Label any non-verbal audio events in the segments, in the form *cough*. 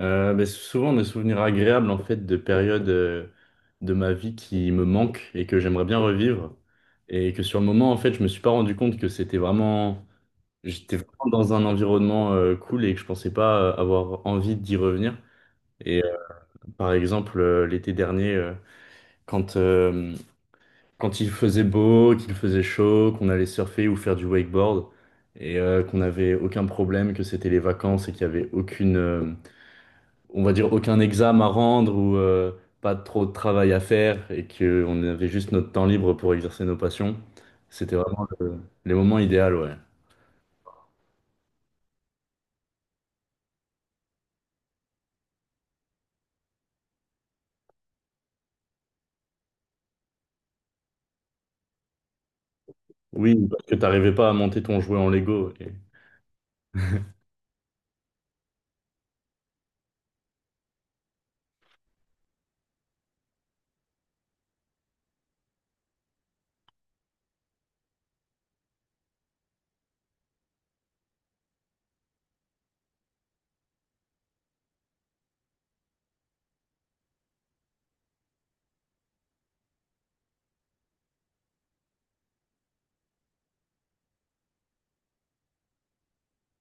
Ben, souvent des souvenirs agréables en fait de périodes de ma vie qui me manquent et que j'aimerais bien revivre et que sur le moment en fait je me suis pas rendu compte que c'était vraiment, j'étais vraiment dans un environnement cool et que je pensais pas avoir envie d'y revenir et par exemple l'été dernier quand euh, quand il faisait beau qu'il faisait chaud qu'on allait surfer ou faire du wakeboard et qu'on n'avait aucun problème que c'était les vacances et qu'il y avait aucune on va dire, aucun examen à rendre ou pas trop de travail à faire et qu'on avait juste notre temps libre pour exercer nos passions. C'était vraiment les moments idéaux, ouais. Oui, parce que t'arrivais pas à monter ton jouet en Lego.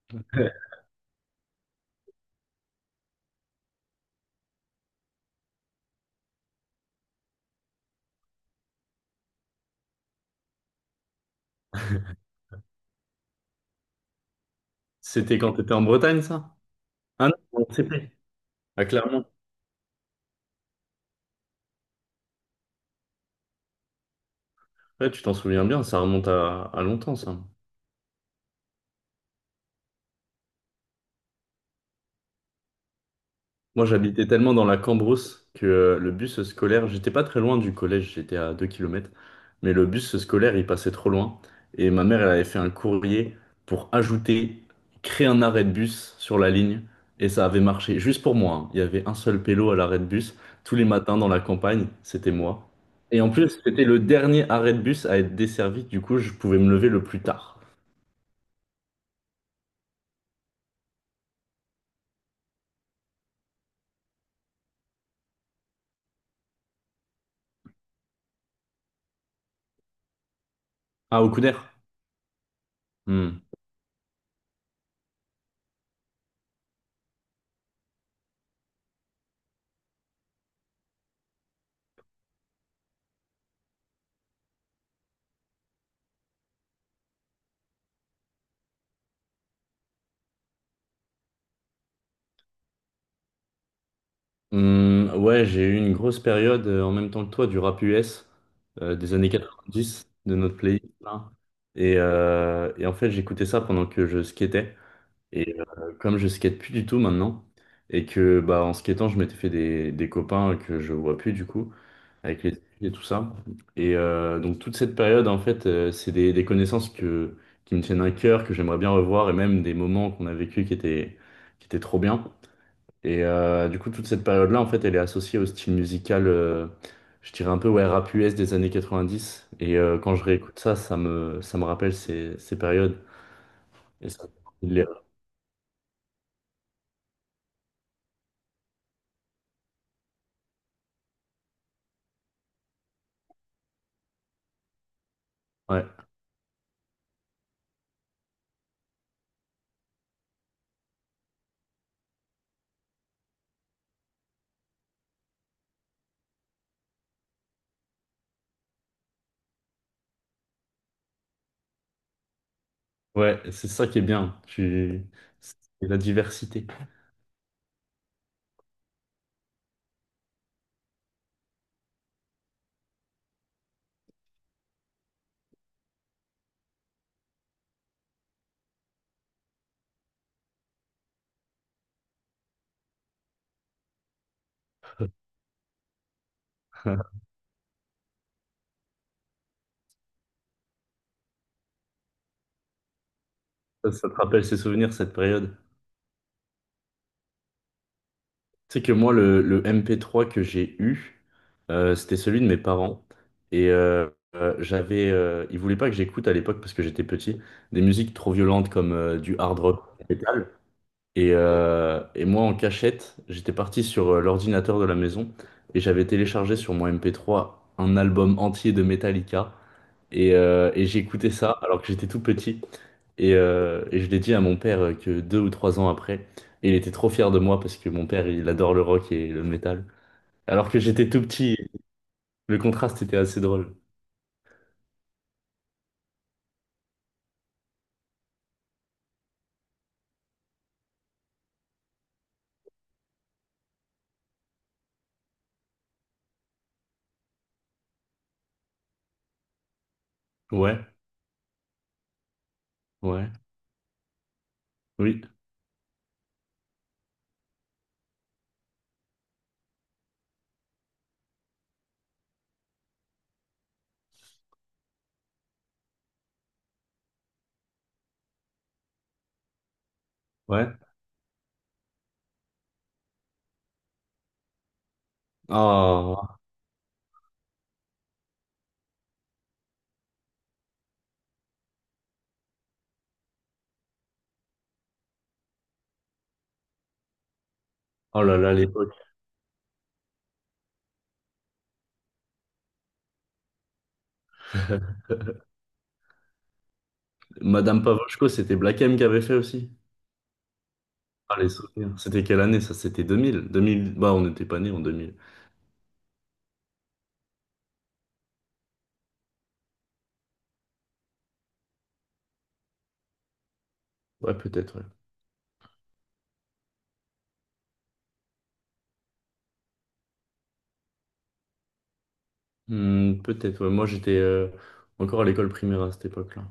*laughs* C'était quand t'étais en Bretagne, ça? Ah non, en CP. Ah, Clermont. Ouais, tu t'en souviens bien, ça remonte à longtemps, ça. Moi, j'habitais tellement dans la Cambrousse que le bus scolaire, j'étais pas très loin du collège, j'étais à 2 kilomètres, mais le bus scolaire, il passait trop loin. Et ma mère, elle avait fait un courrier pour ajouter, créer un arrêt de bus sur la ligne, et ça avait marché. Juste pour moi, hein. Il y avait un seul pélo à l'arrêt de bus, tous les matins dans la campagne, c'était moi. Et en plus, c'était le dernier arrêt de bus à être desservi, du coup, je pouvais me lever le plus tard. Ah, au Couder? Hmm. Ouais, j'ai eu une grosse période en même temps que toi du rap US des années 90 de notre playlist là. Et en fait, j'écoutais ça pendant que je skatais. Et comme je skate plus du tout maintenant, et que bah en skatant, je m'étais fait des copains que je vois plus du coup, avec les filles et tout ça. Et donc toute cette période, en fait, c'est des connaissances que, qui me tiennent à cœur, que j'aimerais bien revoir, et même des moments qu'on a vécu qui étaient trop bien. Et du coup, toute cette période-là, en fait, elle est associée au style musical, je dirais un peu, ouais, rap US des années 90. Et quand je réécoute ça, ça me rappelle ces périodes. Et ça- les- ouais, ouais, c'est ça qui est bien. C'est la diversité. *laughs* Ça te rappelle ces souvenirs, cette période. Tu sais que moi, le MP3 que j'ai eu, c'était celui de mes parents. Et ils voulaient pas que j'écoute à l'époque parce que j'étais petit, des musiques trop violentes comme du hard rock, du métal. Et moi, en cachette, j'étais parti sur l'ordinateur de la maison et j'avais téléchargé sur mon MP3 un album entier de Metallica. Et j'écoutais ça alors que j'étais tout petit. Et je l'ai dit à mon père que 2 ou 3 ans après. Et il était trop fier de moi parce que mon père, il adore le rock et le métal. Alors que j'étais tout petit, le contraste était assez drôle. Ouais, ouais, oui, ouais. Oh, oh là là, l'époque. *laughs* Madame Pavoshko, c'était Black M qui avait fait aussi. Ah, les souvenirs. C'était quelle année ça? C'était 2000. 2000. Bah, on n'était pas nés en 2000. Ouais, peut-être, ouais. Hmm, peut-être, ouais. Moi, j'étais encore à l'école primaire à cette époque-là.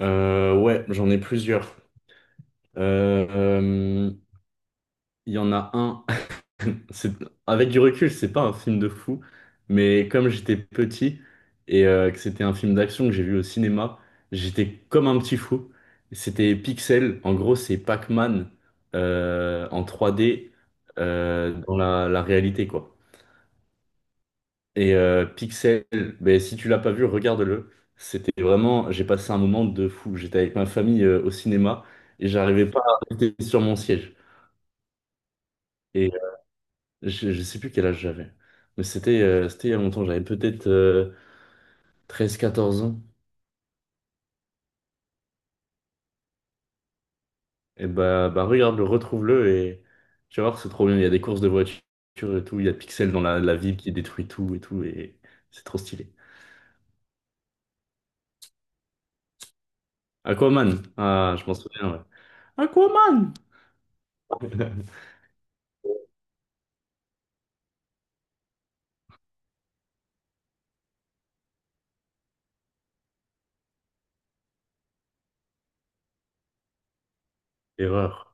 Ouais, j'en ai plusieurs. Euh, euh, Il y en a un. C'est- Avec du recul, c'est pas un film de fou, mais comme j'étais petit et que c'était un film d'action que j'ai vu au cinéma, j'étais comme un petit fou. C'était Pixel, en gros, c'est Pac-Man en 3D dans la réalité, quoi. Et Pixel, ben, si tu l'as pas vu, regarde-le. C'était vraiment, j'ai passé un moment de fou. J'étais avec ma famille au cinéma et j'arrivais pas à rester sur mon siège. Et je sais plus quel âge j'avais, mais c'était il y a longtemps, j'avais peut-être 13-14 ans. Et bah, bah regarde-le, retrouve-le et tu vas voir, c'est trop bien. Il y a des courses de voitures et tout, il y a Pixel dans la ville qui détruit tout et tout, et c'est trop stylé. Aquaman, ah, je m'en souviens, ouais. Aquaman! *laughs* Erreur.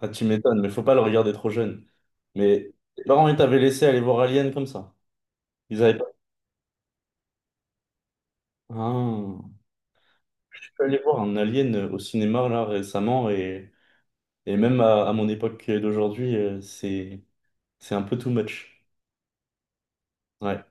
Ah, tu m'étonnes, mais faut pas le regarder trop jeune. Mais tes parents, ils t'avaient laissé aller voir Alien comme ça. Ils avaient pas. Ah. Je suis allé voir un Alien au cinéma là récemment Et même à mon époque d'aujourd'hui, c'est un peu too much. Ouais.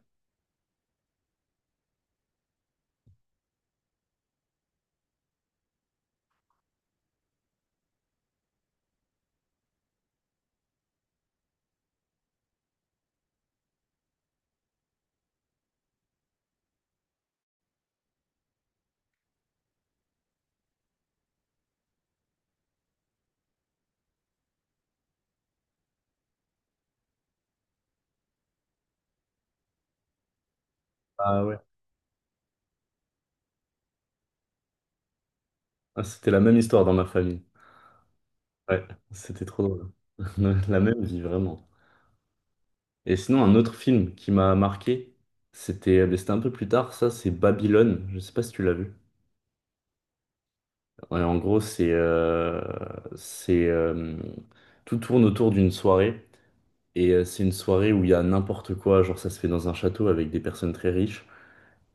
Ah ouais. Ah, c'était la même histoire dans ma famille. Ouais, c'était trop drôle. *laughs* La même vie, vraiment. Et sinon, un autre film qui m'a marqué, c'était mais c'était un peu plus tard, ça, c'est Babylone. Je sais pas si tu l'as vu. Ouais, en gros, c'est tout tourne autour d'une soirée. Et c'est une soirée où il y a n'importe quoi, genre ça se fait dans un château avec des personnes très riches.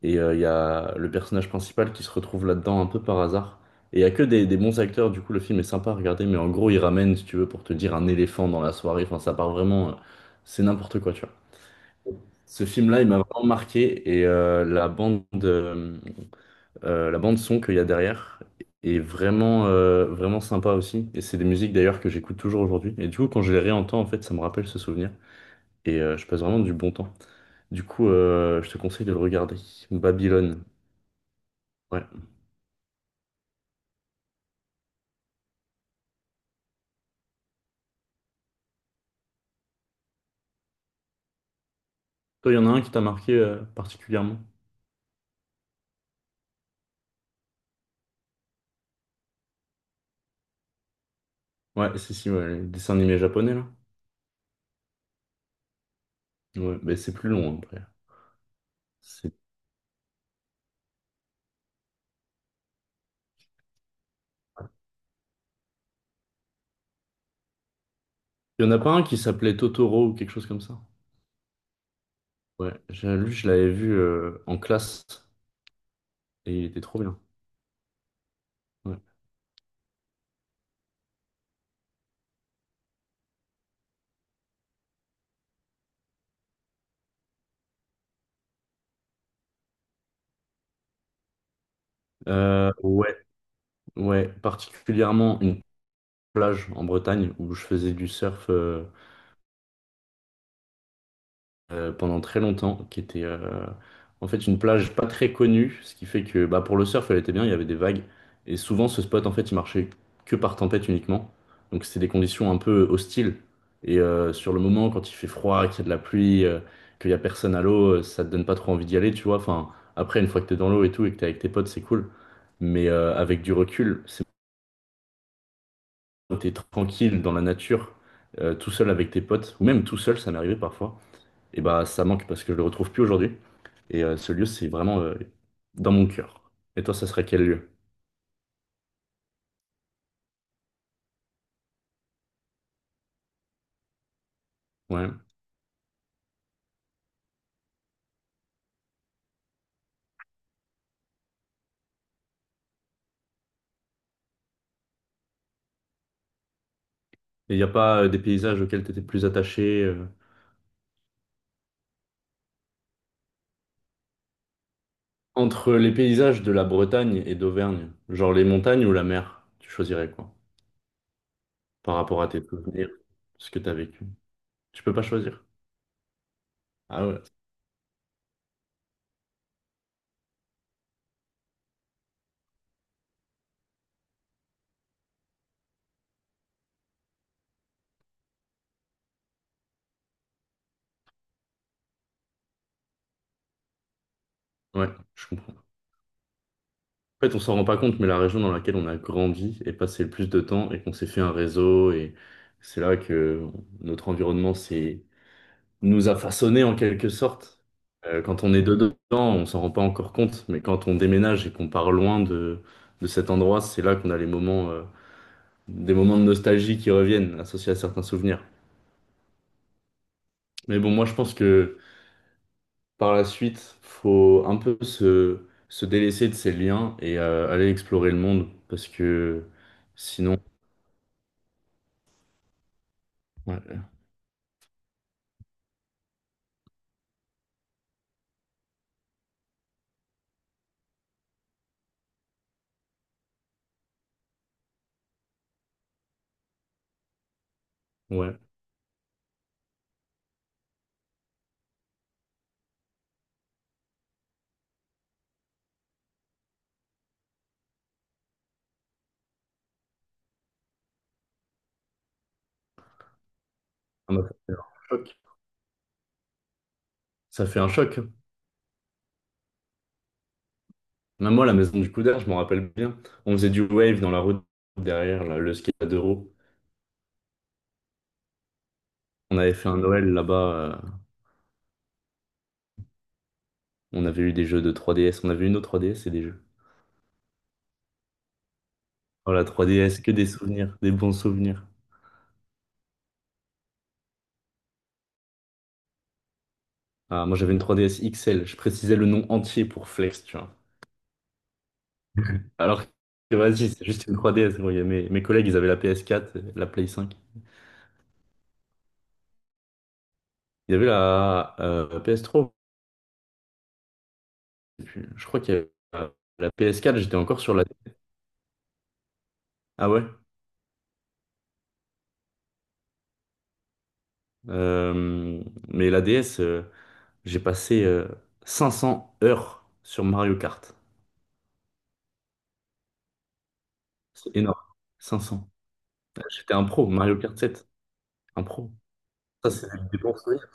Et il y a le personnage principal qui se retrouve là-dedans un peu par hasard. Et il y a que des bons acteurs, du coup le film est sympa à regarder, mais en gros il ramène, si tu veux, pour te dire un éléphant dans la soirée. Enfin, ça part vraiment, c'est n'importe quoi, tu vois. Ce film-là, il m'a vraiment marqué et la bande son qu'il y a derrière est vraiment sympa aussi. Et c'est des musiques d'ailleurs que j'écoute toujours aujourd'hui. Et du coup, quand je les réentends, en fait, ça me rappelle ce souvenir et je passe vraiment du bon temps. Du coup, je te conseille de le regarder. Babylone. Ouais. Toi, il y en a un qui t'a marqué particulièrement. Ouais, si, si, ouais, les dessins animés japonais, là. Ouais, mais c'est plus long après. C'est- Il y en a pas un qui s'appelait Totoro ou quelque chose comme ça. Ouais, lui, je l'avais vu en classe et il était trop bien. Ouais. Ouais, ouais, particulièrement une plage en Bretagne où je faisais du surf, pendant très longtemps, qui était en fait une plage pas très connue, ce qui fait que bah, pour le surf, elle était bien, il y avait des vagues, et souvent ce spot, en fait, il marchait que par tempête uniquement, donc c'était des conditions un peu hostiles, et sur le moment, quand il fait froid, qu'il y a de la pluie, qu'il y a personne à l'eau, ça te donne pas trop envie d'y aller, tu vois, enfin, après, une fois que t'es dans l'eau et tout, et que t'es avec tes potes, c'est cool, mais avec du recul, c'est t'es tranquille dans la nature, tout seul avec tes potes, ou même tout seul, ça m'est arrivé parfois. Et bah ça manque parce que je le retrouve plus aujourd'hui. Et ce lieu, c'est vraiment dans mon cœur. Et toi, ça serait quel lieu? Ouais. Et il n'y a pas des paysages auxquels tu étais plus attaché entre les paysages de la Bretagne et d'Auvergne, genre les montagnes ou la mer, tu choisirais quoi? Par rapport à tes souvenirs, ce que tu as vécu. Tu peux pas choisir. Ah ouais. Ouais, je comprends. En fait, on s'en rend pas compte, mais la région dans laquelle on a grandi et passé le plus de temps et qu'on s'est fait un réseau et c'est là que notre environnement s'est nous a façonnés en quelque sorte. Quand on est dedans, on s'en rend pas encore compte, mais quand on déménage et qu'on part loin de cet endroit, c'est là qu'on a des moments de nostalgie qui reviennent, associés à certains souvenirs. Mais bon, moi je pense que par la suite, faut un peu se délaisser de ces liens et aller explorer le monde, parce que sinon, ouais, ouais, ça m'a fait un choc. Ça fait un choc. Même moi, la maison du Coudert, je m'en rappelle bien. On faisait du wave dans la route derrière, là, le ski à deux roues. On avait fait un Noël là-bas. On avait eu des jeux de 3DS. On avait une autre 3DS et des jeux. Oh, la 3DS, que des souvenirs, des bons souvenirs. Ah, moi, j'avais une 3DS XL. Je précisais le nom entier pour flex, tu vois. Alors que, vas-y, c'est juste une 3DS, gros. Il y a mes collègues, ils avaient la PS4, la Play 5. Il y avait la PS3. Je sais plus. Je crois qu'il y avait la PS4, j'étais encore sur la. Ah ouais? Euh, mais la DS, j'ai passé 500 heures sur Mario Kart. C'est énorme. 500. J'étais un pro, Mario Kart 7, un pro. Ça, c'est des bons souvenirs.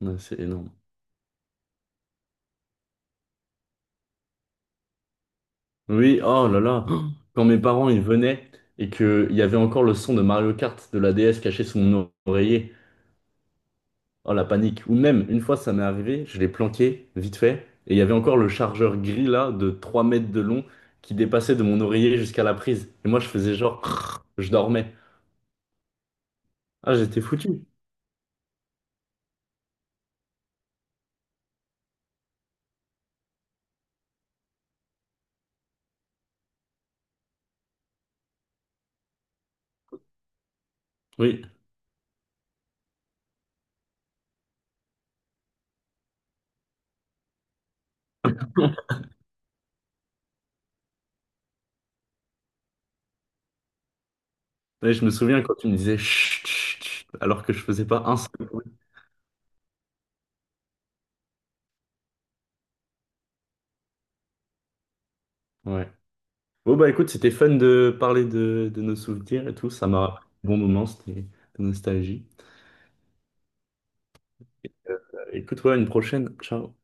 Ouais, c'est énorme. Oui, oh là là. *gasps* Quand mes parents ils venaient et qu'il y avait encore le son de Mario Kart de la DS caché sous mon oreiller. Oh la panique. Ou même, une fois ça m'est arrivé, je l'ai planqué vite fait, et il y avait encore le chargeur gris là de 3 mètres de long qui dépassait de mon oreiller jusqu'à la prise. Et moi je faisais genre, crrr, je dormais. Ah j'étais foutu. Oui. Et je me souviens quand tu me disais chut, chut, chut, alors que je faisais pas un seul bruit. Ouais. Bon bah écoute, c'était fun de parler de nos souvenirs et tout. Ça m'a bon moment, c'était de nostalgie. Et, écoute, ouais, une prochaine. Ciao.